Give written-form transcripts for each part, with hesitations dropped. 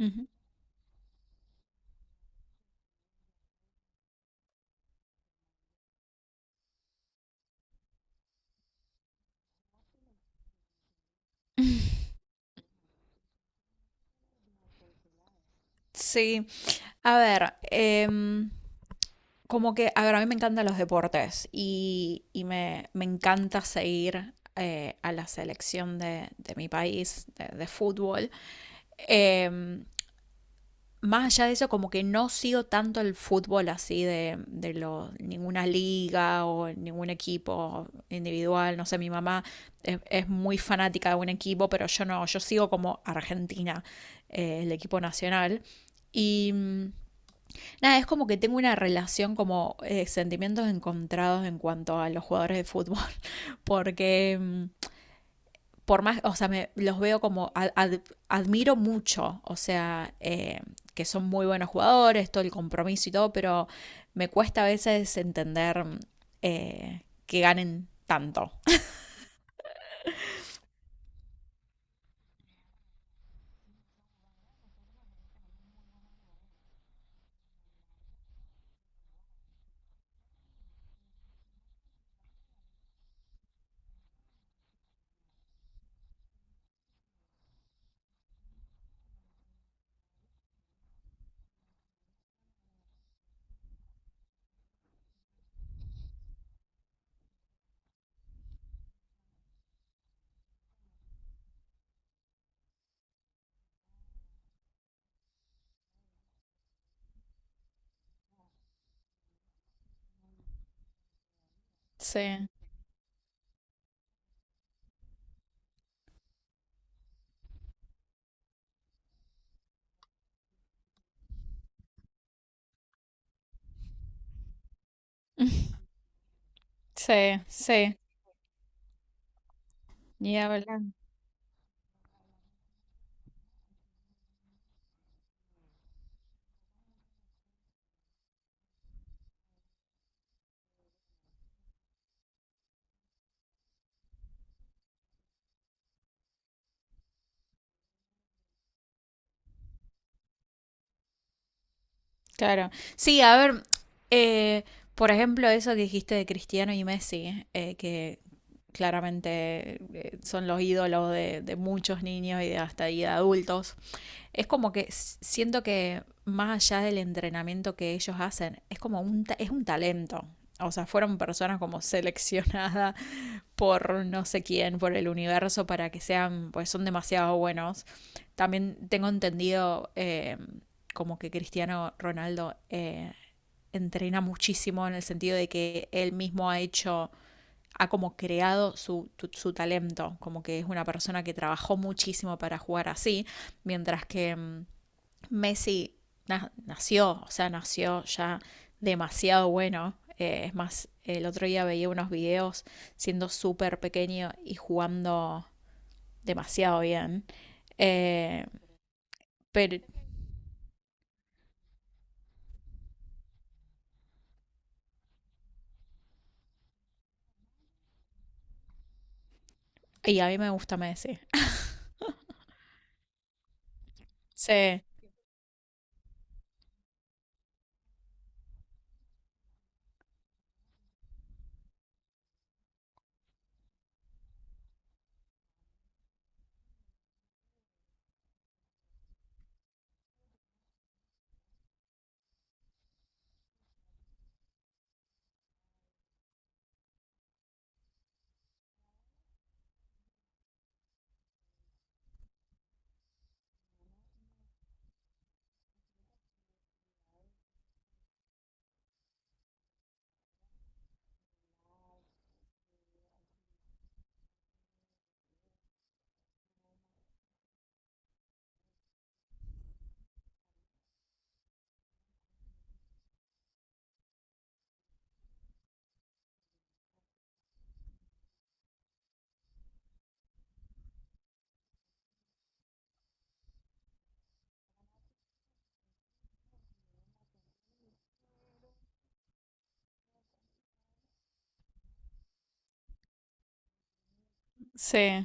Ujú. Sí, a ver, como que, a ver, a mí me encantan los deportes y me encanta seguir a la selección de mi país de fútbol. Em, Más allá de eso, como que no sigo tanto el fútbol así de ninguna liga o ningún equipo individual. No sé, mi mamá es muy fanática de un equipo, pero yo no, yo sigo como Argentina, el equipo nacional. Y mm, Nada, es como que tengo una relación como sentimientos encontrados en cuanto a los jugadores de fútbol, porque mm, por más, o sea, me, los veo como, admiro mucho, o sea, que son muy buenos jugadores, todo el compromiso y todo, pero me cuesta a veces entender que ganen tanto. Sí, sí, sí, ni hablar, claro. Sí, a ver, eh, por ejemplo, eso que dijiste de Cristiano y Messi, que claramente son los ídolos de muchos niños y de hasta y de adultos. Es como que siento que más allá del entrenamiento que ellos hacen, es como es un talento. O sea, fueron personas como seleccionadas por no sé quién, por el universo, para que sean, pues son demasiado buenos. También tengo entendido como que Cristiano Ronaldo entrena muchísimo en el sentido de que él mismo ha hecho, ha como creado su talento, como que es una persona que trabajó muchísimo para jugar así, mientras que Messi na nació, o sea, nació ya demasiado bueno. Es más, el otro día veía unos videos siendo súper pequeño y jugando demasiado bien. Eh, pero, y a mí me gusta Messi. Sí, sí,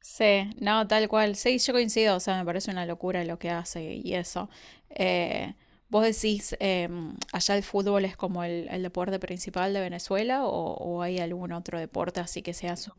sí, no, tal cual. Sí, yo coincido, o sea, me parece una locura lo que hace y eso. Eh, ¿Vos decís, allá el fútbol es como el deporte principal de Venezuela o hay algún otro deporte así que sea su?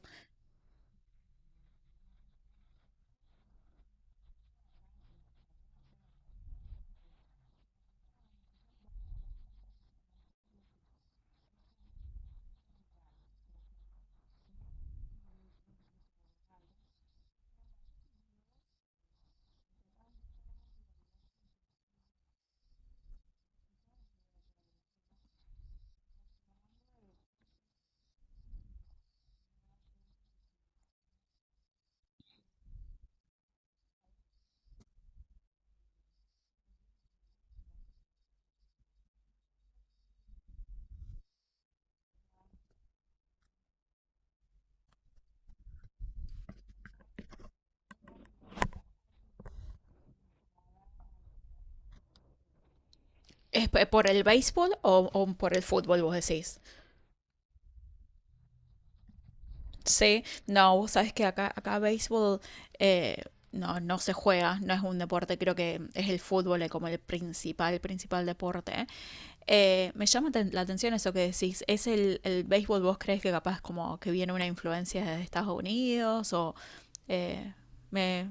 ¿Es por el béisbol o por el fútbol, vos decís? Sí, no, vos sabes que acá, acá béisbol eh, no, no se juega, no es un deporte, creo que es el fútbol como el principal, principal deporte. La atención eso que decís, ¿es el béisbol vos crees que capaz como que viene una influencia de Estados Unidos o eh, me...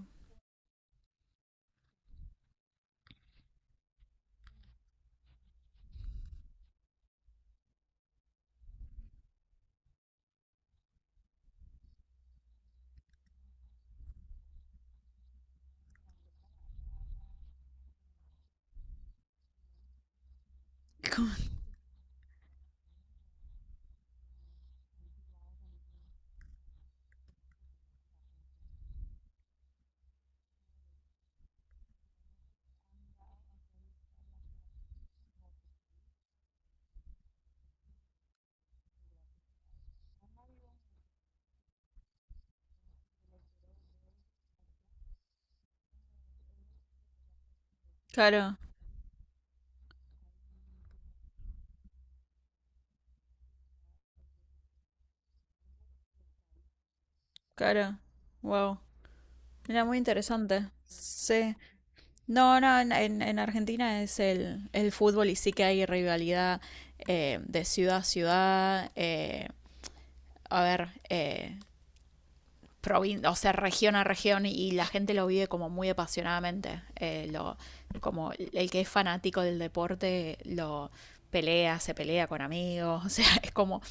Claro, claro, wow, era muy interesante, sí. No, no, en Argentina es el fútbol y sí que hay rivalidad de ciudad a ciudad, a ver, o sea, región a región y, la gente lo vive como muy apasionadamente. Como el que es fanático del deporte lo pelea, se pelea con amigos, o sea, es como...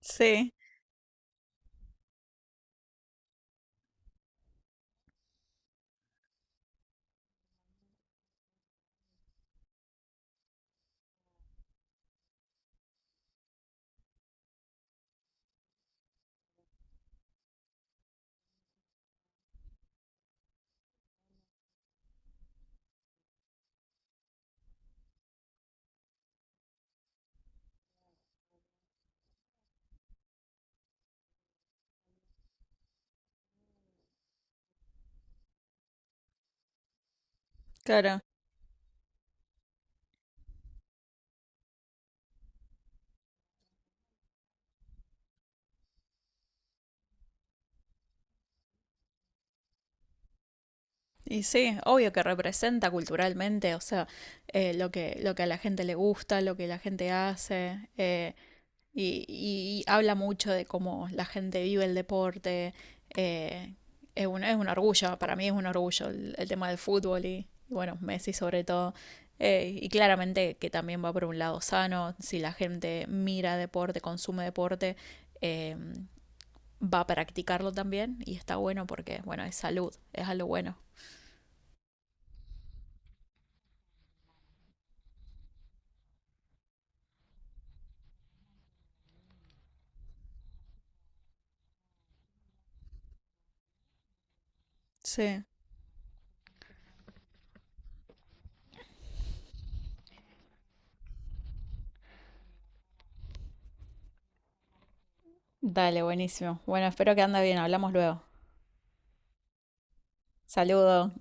Sí, claro. Y sí, obvio que representa culturalmente, o sea, lo que a la gente le gusta, lo que la gente hace. Y habla mucho de cómo la gente vive el deporte. eh, es un, es un orgullo, para mí es un orgullo el tema del fútbol y, bueno, Messi sobre todo. Y claramente que también va por un lado sano, si la gente mira deporte, consume deporte, eh, va a practicarlo también y está bueno porque, bueno, es salud, es algo bueno. Sí. Dale, buenísimo. Bueno, espero que ande bien, hablamos luego. Saludos.